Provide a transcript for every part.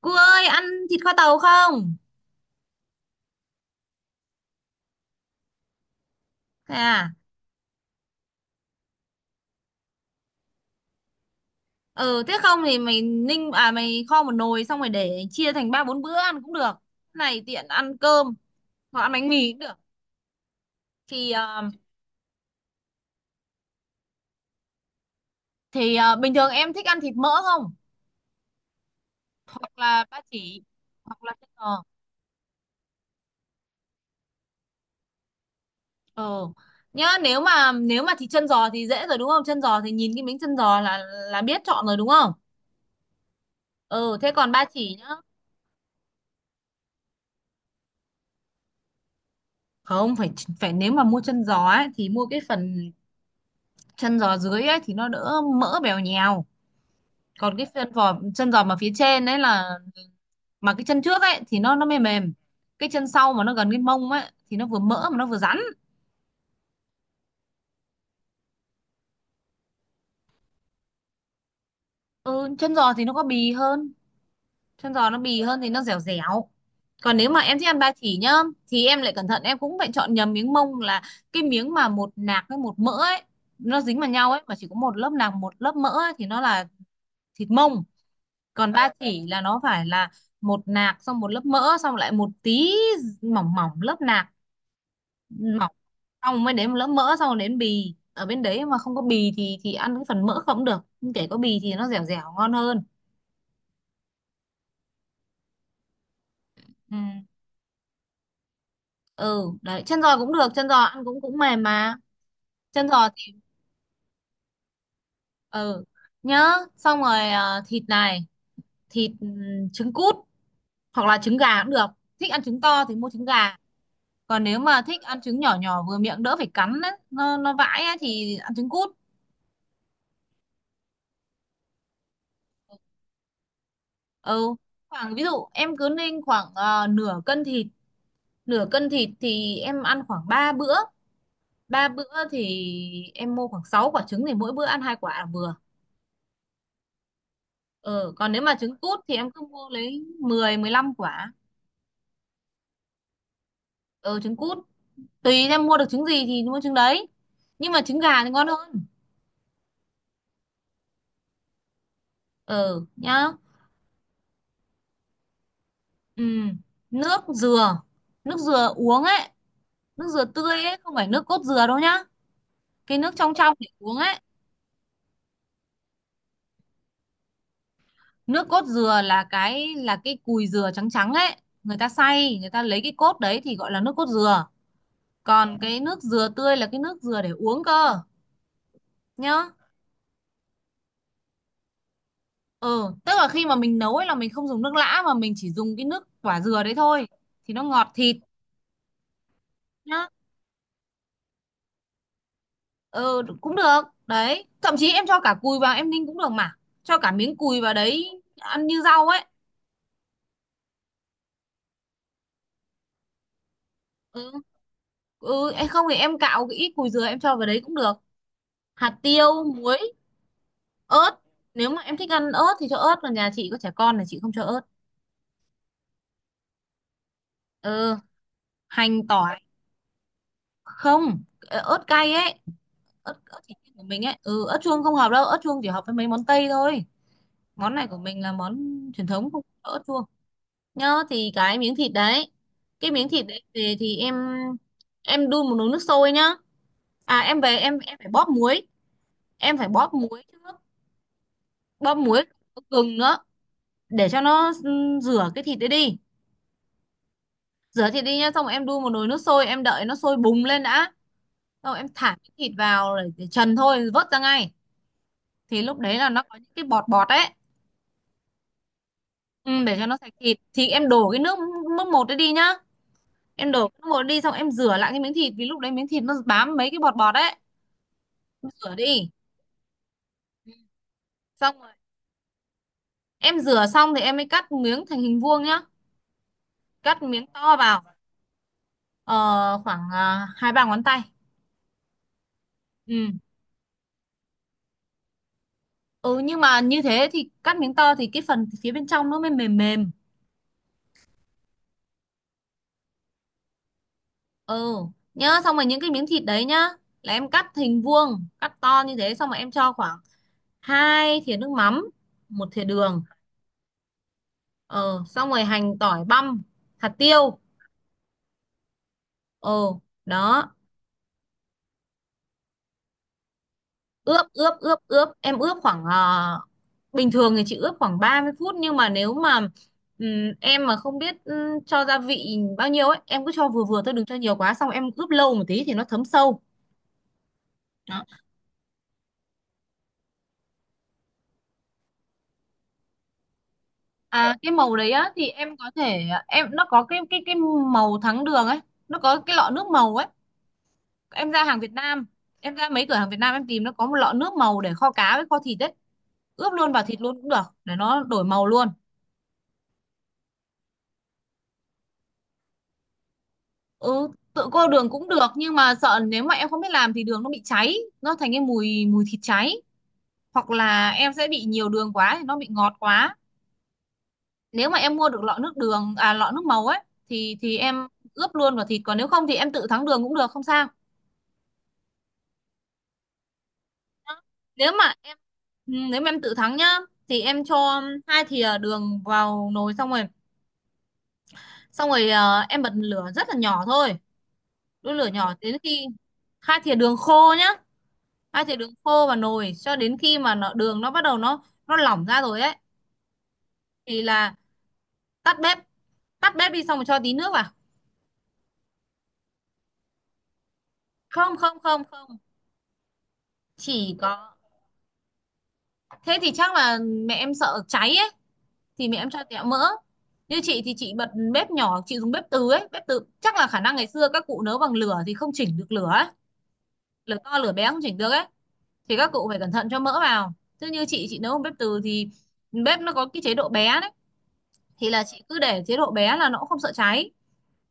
Cô ơi ăn thịt kho tàu không? Thế à? Ừ, thế không thì mày ninh à, mày kho một nồi xong rồi để chia thành ba bốn bữa ăn cũng được. Này, tiện ăn cơm hoặc ăn bánh mì cũng được. Thì ờ, bình thường em thích ăn thịt mỡ không? Hoặc là ba chỉ hoặc là chân giò. Ừ. Nhá, nếu mà thịt chân giò thì dễ rồi đúng không? Chân giò thì nhìn cái miếng chân giò là biết chọn rồi đúng không? Ừ, thế còn ba chỉ nhá. Không phải phải nếu mà mua chân giò ấy thì mua cái phần chân giò dưới ấy thì nó đỡ mỡ bèo nhèo, còn cái chân giò mà phía trên ấy là mà cái chân trước ấy thì nó mềm mềm, cái chân sau mà nó gần cái mông ấy thì nó vừa mỡ mà nó vừa rắn. Ừ, chân giò thì nó có bì hơn, chân giò nó bì hơn thì nó dẻo dẻo. Còn nếu mà em thích ăn ba chỉ nhá thì em lại cẩn thận, em cũng phải chọn nhầm miếng mông, là cái miếng mà một nạc với một mỡ ấy, nó dính vào nhau ấy mà chỉ có một lớp nạc một lớp mỡ ấy, thì nó là thịt mông. Còn ba chỉ là nó phải là một nạc xong một lớp mỡ xong lại một tí mỏng mỏng lớp nạc. Ừ, mỏng xong mới đến một lớp mỡ xong rồi đến bì ở bên đấy, mà không có bì thì ăn cái phần mỡ không được, nhưng kể có bì thì nó dẻo dẻo ngon hơn. Ừ, ừ đấy, chân giò cũng được, chân giò ăn cũng cũng mềm mà. Chân giò thì ừ, nhớ. Xong rồi thịt này, thịt trứng cút hoặc là trứng gà cũng được. Thích ăn trứng to thì mua trứng gà, còn nếu mà thích ăn trứng nhỏ nhỏ vừa miệng đỡ phải cắn á, nó vãi á, thì ăn trứng cút. Ừ, khoảng, ví dụ em cứ nên khoảng nửa cân thịt. Nửa cân thịt thì em ăn khoảng 3 bữa. Ba bữa thì em mua khoảng 6 quả trứng thì mỗi bữa ăn hai quả là vừa. Ừ, còn nếu mà trứng cút thì em cứ mua lấy 10-15 quả. Ừ, trứng cút, tùy em mua được trứng gì thì mua trứng đấy, nhưng mà trứng gà thì ngon hơn. Ừ nhá. Ừ, nước dừa, nước dừa uống ấy, nước dừa tươi ấy, không phải nước cốt dừa đâu nhá. Cái nước trong trong để uống ấy. Nước cốt dừa là cái cùi dừa trắng trắng ấy, người ta xay, người ta lấy cái cốt đấy thì gọi là nước cốt dừa. Còn cái nước dừa tươi là cái nước dừa để uống cơ, nhá. Ừ, tức là khi mà mình nấu ấy là mình không dùng nước lã mà mình chỉ dùng cái nước quả dừa đấy thôi, thì nó ngọt thịt. Nhá. Ừ cũng được, đấy, thậm chí em cho cả cùi vào em ninh cũng được mà, cho cả miếng cùi vào đấy ăn như rau ấy. Ừ. Ừ, em không thì em cạo cái ít cùi dừa em cho vào đấy cũng được. Hạt tiêu, muối, ớt. Nếu mà em thích ăn ớt thì cho ớt, còn nhà chị có trẻ con là chị không cho ớt. Ừ, hành tỏi. Không, ớt cay ấy. Ớt, ớt chỉ của mình ấy, ừ, ớt chuông không hợp đâu, ớt chuông chỉ hợp với mấy món tây thôi. Món này của mình là món truyền thống, không có ớt chuông. Nhớ, thì cái miếng thịt đấy, cái miếng thịt đấy về thì em đun một nồi nước sôi nhá. À, em về em phải bóp muối. Em phải bóp muối trước. Bóp muối. Có gừng nữa. Để cho nó rửa cái thịt đấy đi. Rửa thịt đi nhá, xong rồi em đun một nồi nước sôi, em đợi nó sôi bùng lên đã, xong rồi em thả cái thịt vào để trần thôi, vớt ra ngay. Thì lúc đấy là nó có những cái bọt bọt ấy. Ừ, để cho nó sạch thịt thì em đổ cái nước mức một đấy đi nhá. Em đổ cái nước một đi, xong em rửa lại cái miếng thịt vì lúc đấy miếng thịt nó bám mấy cái bọt bọt ấy, em rửa đi. Ừ. Xong rồi, em rửa xong thì em mới cắt miếng thành hình vuông nhá. Cắt miếng to vào. Ờ, Khoảng hai ba ngón tay. Ừ. Ừ, nhưng mà như thế thì cắt miếng to thì cái phần phía bên trong nó mới mềm mềm. Ừ, nhớ xong rồi những cái miếng thịt đấy nhá, là em cắt hình vuông, cắt to như thế xong rồi em cho khoảng 2 thìa nước mắm, 1 thìa đường. ờ Xong rồi hành tỏi băm, hạt tiêu. Ờ, đó. Ướp ướp ướp ướp, em ướp khoảng bình thường thì chị ướp khoảng 30 phút, nhưng mà nếu mà ừm, em mà không biết cho gia vị bao nhiêu ấy, em cứ cho vừa vừa thôi, đừng cho nhiều quá, xong em ướp lâu một tí thì nó thấm sâu. À, cái màu đấy á thì em có thể em nó có cái màu thắng đường ấy, nó có cái lọ nước màu ấy. Em ra hàng Việt Nam, em ra mấy cửa hàng Việt Nam em tìm, nó có một lọ nước màu để kho cá với kho thịt ấy. Ướp luôn vào thịt luôn cũng được để nó đổi màu luôn. Ừ, tự cô đường cũng được, nhưng mà sợ nếu mà em không biết làm thì đường nó bị cháy, nó thành cái mùi mùi thịt cháy, hoặc là em sẽ bị nhiều đường quá thì nó bị ngọt quá. Nếu mà em mua được lọ nước đường, à, lọ nước màu ấy thì em ướp luôn vào thịt, còn nếu không thì em tự thắng đường cũng được không sao. nếu mà em nếu mà em tự thắng nhá thì em cho 2 thìa đường vào nồi xong rồi. Em bật lửa rất là nhỏ thôi, đun lửa nhỏ đến khi 2 thìa đường khô nhá. 2 thìa đường khô vào nồi cho đến khi mà đường bắt đầu nó lỏng ra rồi ấy thì là tắt bếp. Tắt bếp đi, xong rồi cho tí nước vào. Không, không, không, không, chỉ có. Thế thì chắc là mẹ em sợ cháy à? Thì mẹ em cho tẹo mỡ. Như chị thì chị bật bếp nhỏ, chị dùng bếp từ ấy, bếp từ chắc là khả năng ngày xưa các cụ nấu bằng lửa thì không chỉnh được lửa ấy. Lửa to lửa bé không chỉnh được ấy thì các cụ phải cẩn thận cho mỡ vào, chứ như chị nấu bằng bếp từ thì bếp nó có cái chế độ bé đấy thì là chị cứ để chế độ bé là nó cũng không sợ cháy,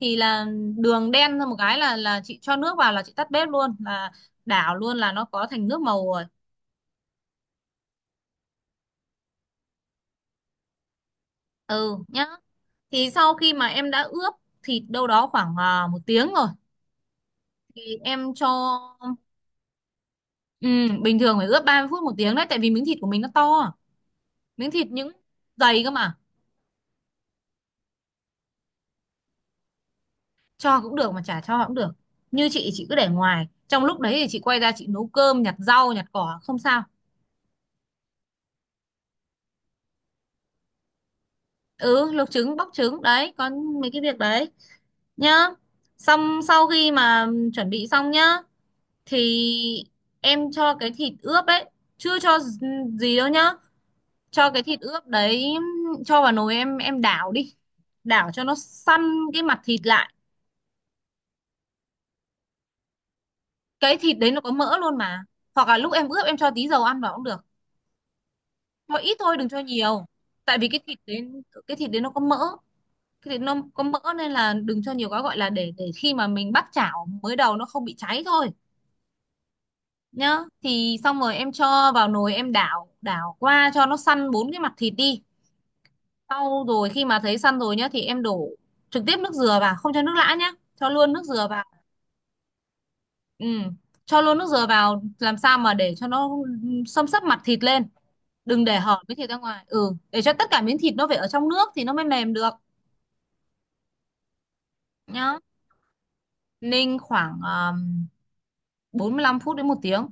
thì là đường đen ra một cái là chị cho nước vào là chị tắt bếp luôn là đảo luôn là nó có thành nước màu rồi. Ừ nhá. Thì sau khi mà em đã ướp thịt đâu đó khoảng 1 tiếng rồi thì em cho. Ừ, bình thường phải ướp 30 phút 1 tiếng đấy, tại vì miếng thịt của mình nó to, miếng thịt những dày cơ mà. Cho cũng được mà chả cho cũng được, như chị cứ để ngoài, trong lúc đấy thì chị quay ra chị nấu cơm nhặt rau nhặt cỏ không sao. Ừ, luộc trứng bóc trứng đấy, có mấy cái việc đấy nhá. Xong sau khi mà chuẩn bị xong nhá thì em cho cái thịt ướp ấy, chưa cho gì đâu nhá, cho cái thịt ướp đấy cho vào nồi, em đảo đi, đảo cho nó săn cái mặt thịt lại. Cái thịt đấy nó có mỡ luôn mà. Hoặc là lúc em ướp em cho tí dầu ăn vào cũng được, cho ít thôi đừng cho nhiều, tại vì cái thịt đấy, cái thịt đấy nó có mỡ, cái thịt nó có mỡ nên là đừng cho nhiều quá, gọi là để khi mà mình bắt chảo mới đầu nó không bị cháy thôi. Nhá, thì xong rồi em cho vào nồi em đảo đảo qua cho nó săn bốn cái mặt thịt đi. Sau rồi khi mà thấy săn rồi nhá thì em đổ trực tiếp nước dừa vào, không cho nước lã nhá, cho luôn nước dừa vào. Ừ. Cho luôn nước dừa vào làm sao mà để cho nó xâm xấp mặt thịt lên, đừng để hở miếng thịt ra ngoài, ừ, để cho tất cả miếng thịt nó phải ở trong nước thì nó mới mềm được. Nhá. Ninh khoảng 45 phút đến 1 tiếng.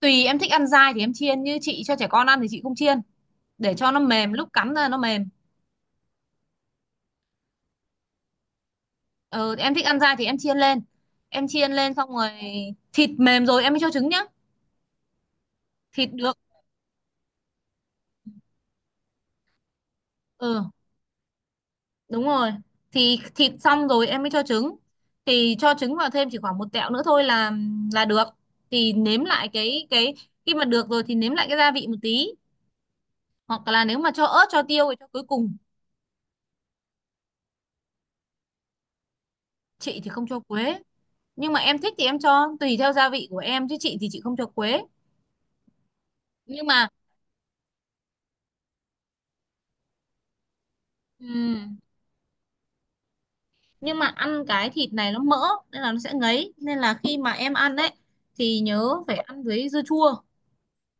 Tùy em thích ăn dai thì em chiên, như chị cho trẻ con ăn thì chị không chiên, để cho nó mềm, lúc cắn ra nó mềm. Ừ, em thích ăn dai thì em chiên lên. Em chiên lên xong rồi thịt mềm rồi em mới cho trứng nhá. Thịt được. Ừ, đúng rồi, thì thịt xong rồi em mới cho trứng, thì cho trứng vào thêm chỉ khoảng một tẹo nữa thôi là được. Thì nếm lại cái khi mà được rồi thì nếm lại cái gia vị một tí, hoặc là nếu mà cho ớt cho tiêu thì cho cuối cùng. Chị thì không cho quế, nhưng mà em thích thì em cho tùy theo gia vị của em, chứ chị thì chị không cho quế. Nhưng mà ừm, nhưng mà ăn cái thịt này nó mỡ nên là nó sẽ ngấy, nên là khi mà em ăn ấy thì nhớ phải ăn với dưa chua,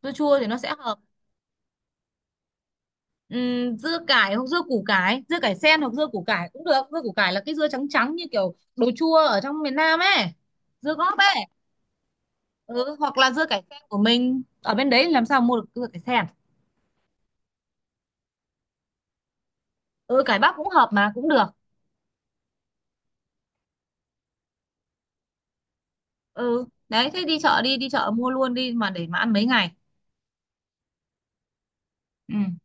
dưa chua thì nó sẽ hợp. Dưa cải hoặc dưa củ cải, dưa cải sen hoặc dưa củ cải cũng được, dưa củ cải là cái dưa trắng trắng như kiểu đồ chua ở trong miền Nam ấy, dưa góp ấy. Ừ, hoặc là dưa cải sen của mình ở bên đấy làm sao mua được dưa cải sen. Ừ, cải bắp cũng hợp mà cũng được. Ừ đấy, thế đi chợ đi, đi chợ mua luôn đi mà để mà ăn mấy ngày. Ừ.